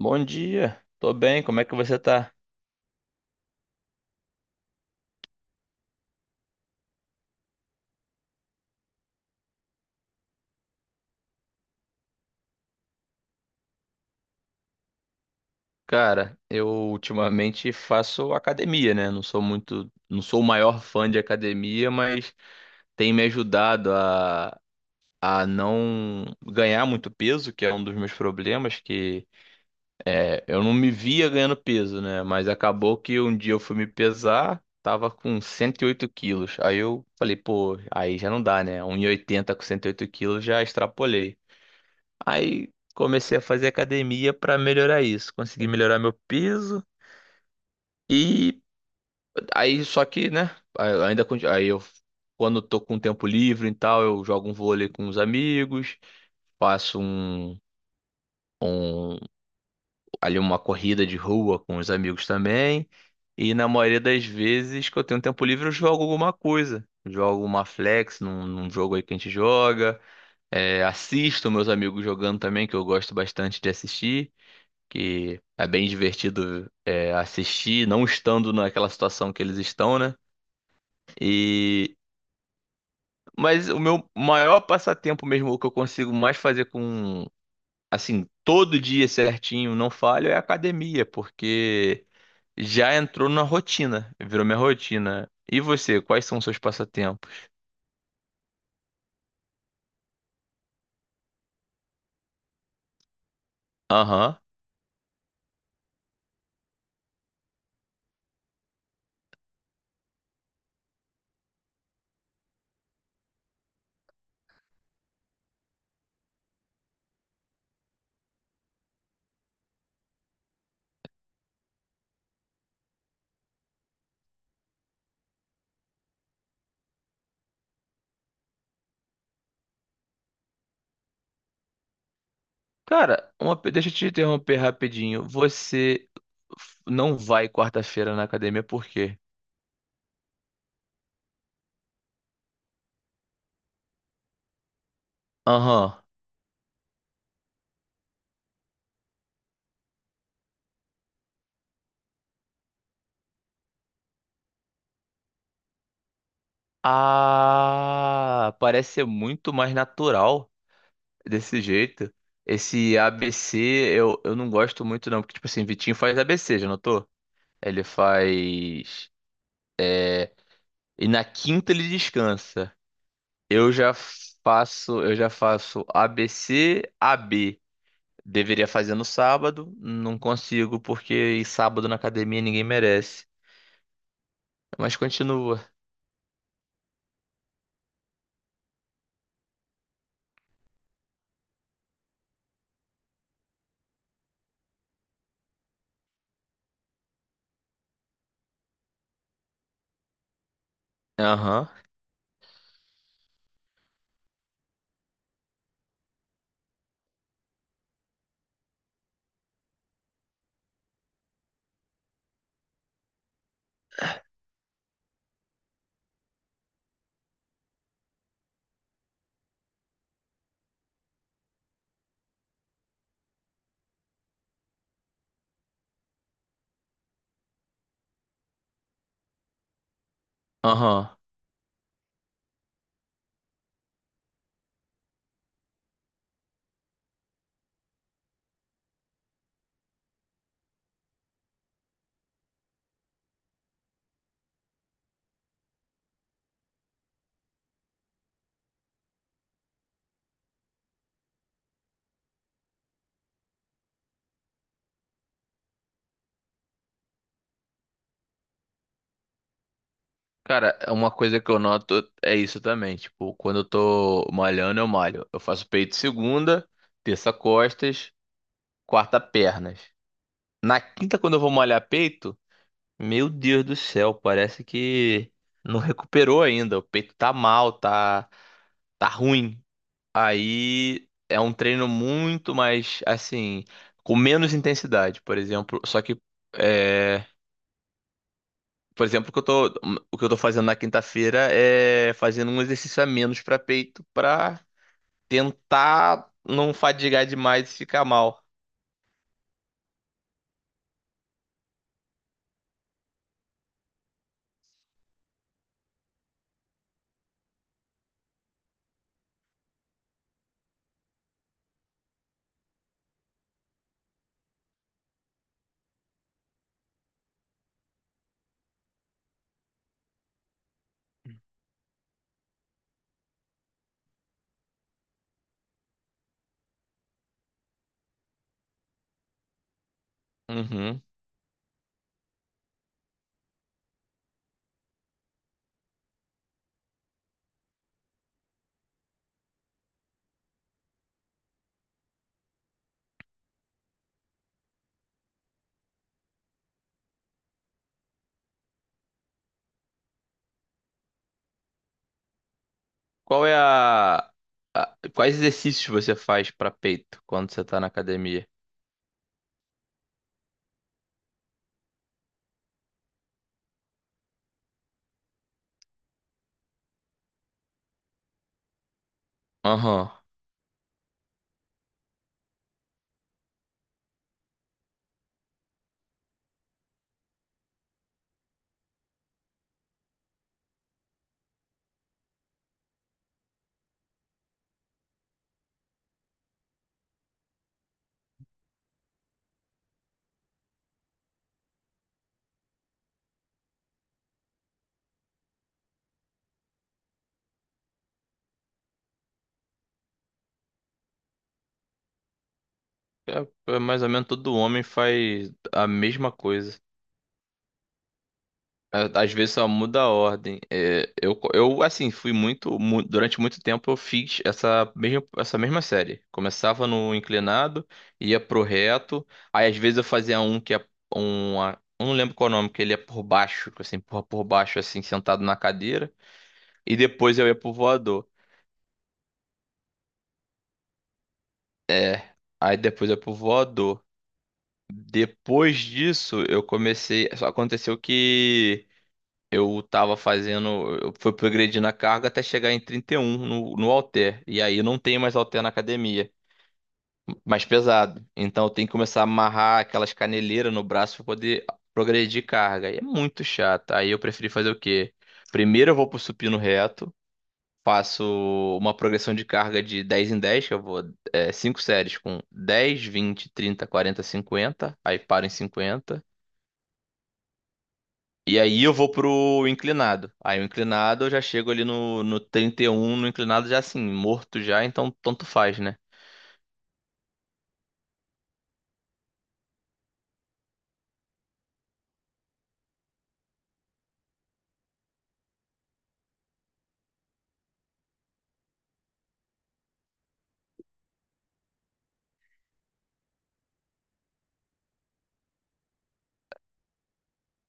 Bom dia, tô bem, como é que você tá? Cara, eu ultimamente faço academia, né? Não sou muito, não sou o maior fã de academia, mas tem me ajudado a não ganhar muito peso, que é um dos meus problemas, que é, eu não me via ganhando peso, né? Mas acabou que um dia eu fui me pesar, tava com 108 quilos. Aí eu falei, pô, aí já não dá, né? 1,80 com 108 quilos já extrapolei. Aí comecei a fazer academia pra melhorar isso, consegui melhorar meu peso e aí só que, né, aí- ainda conti- aí eu quando eu tô com tempo livre e tal, eu jogo um vôlei com os amigos, faço um ali uma corrida de rua com os amigos também. E na maioria das vezes que eu tenho tempo livre, eu jogo alguma coisa. Jogo uma flex num jogo aí que a gente joga. É, assisto meus amigos jogando também, que eu gosto bastante de assistir. Que é bem divertido é, assistir, não estando naquela situação que eles estão, né? E mas o meu maior passatempo mesmo, o que eu consigo mais fazer com assim todo dia certinho, não falho, é academia, porque já entrou na rotina, virou minha rotina. E você, quais são os seus passatempos? Aham. Cara, deixa eu te interromper rapidinho. Você não vai quarta-feira na academia por quê? Aham. Ah, parece ser muito mais natural desse jeito. Esse ABC eu não gosto muito, não, porque, tipo assim, Vitinho faz ABC, já notou? Ele faz. E na quinta ele descansa. Eu já faço ABC, AB. Deveria fazer no sábado, não consigo, porque sábado na academia ninguém merece. Mas continua. Aham, aham. Cara, uma coisa que eu noto é isso também. Tipo, quando eu tô malhando, eu malho. Eu faço peito segunda, terça costas, quarta pernas. Na quinta, quando eu vou malhar peito, meu Deus do céu, parece que não recuperou ainda. O peito tá mal, tá, tá ruim. Aí é um treino muito mais, assim, com menos intensidade, por exemplo. Só que é, por exemplo, o que eu tô fazendo na quinta-feira é fazendo um exercício a menos pra peito pra tentar não fadigar demais e ficar mal. Uhum. Qual é a- Quais exercícios você faz pra peito quando você tá na academia? Aham. É, é mais ou menos todo homem faz a mesma coisa. Às vezes só muda a ordem. É, eu, assim, durante muito tempo eu fiz essa mesma série. Começava no inclinado, ia pro reto. Aí às vezes eu fazia um que é eu não lembro qual é o nome, que ele é por baixo, que você empurra por baixo, assim, sentado na cadeira. E depois eu ia pro voador. É. Aí depois eu ia pro voador. Depois disso, eu comecei. Só aconteceu que. Eu tava fazendo, eu fui progredindo a carga até chegar em 31 no, halter. E aí não tem mais halter na academia, mais pesado. Então eu tenho que começar a amarrar aquelas caneleiras no braço para poder progredir carga. E é muito chato. Aí eu preferi fazer o quê? Primeiro eu vou pro supino reto, faço uma progressão de carga de 10 em 10, que eu vou 5 séries com 10, 20, 30, 40, 50, aí paro em 50. E aí eu vou pro inclinado. Aí o inclinado eu já chego ali no 31 no inclinado já assim, morto já, então tanto faz, né?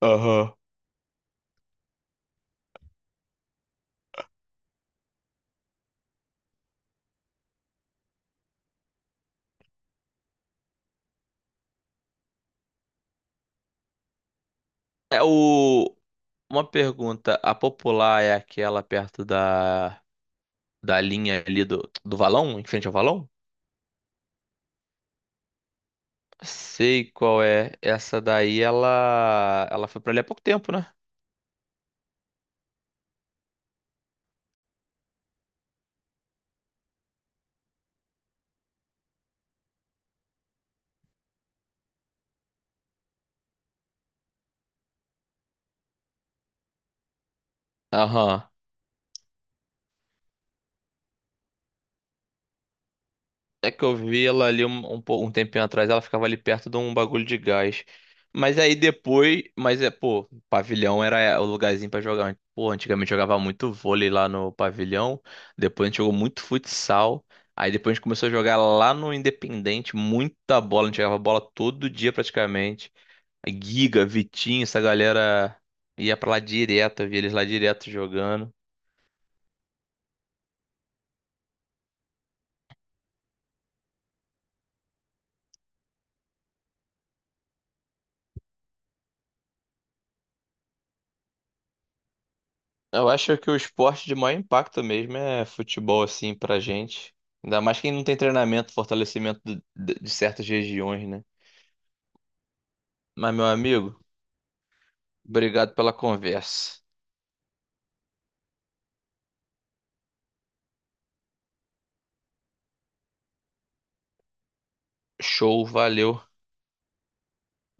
Aham. É o... Uma pergunta, a popular é aquela perto da linha ali do valão, em frente ao valão? Sei qual é. Essa daí, ela foi pra ali há pouco tempo, né? Aham. É que eu vi ela ali um tempinho atrás, ela ficava ali perto de um bagulho de gás. Mas aí depois, mas é, pô, pavilhão era o lugarzinho pra jogar. Pô, antigamente jogava muito vôlei lá no pavilhão, depois a gente jogou muito futsal. Aí depois a gente começou a jogar lá no Independente, muita bola, a gente jogava bola todo dia praticamente. Giga, Vitinho, essa galera ia pra lá direto, eu via eles lá direto jogando. Eu acho que o esporte de maior impacto mesmo é futebol, assim, pra gente. Ainda mais quem não tem treinamento, fortalecimento de certas regiões, né? Mas, meu amigo, obrigado pela conversa. Show, valeu.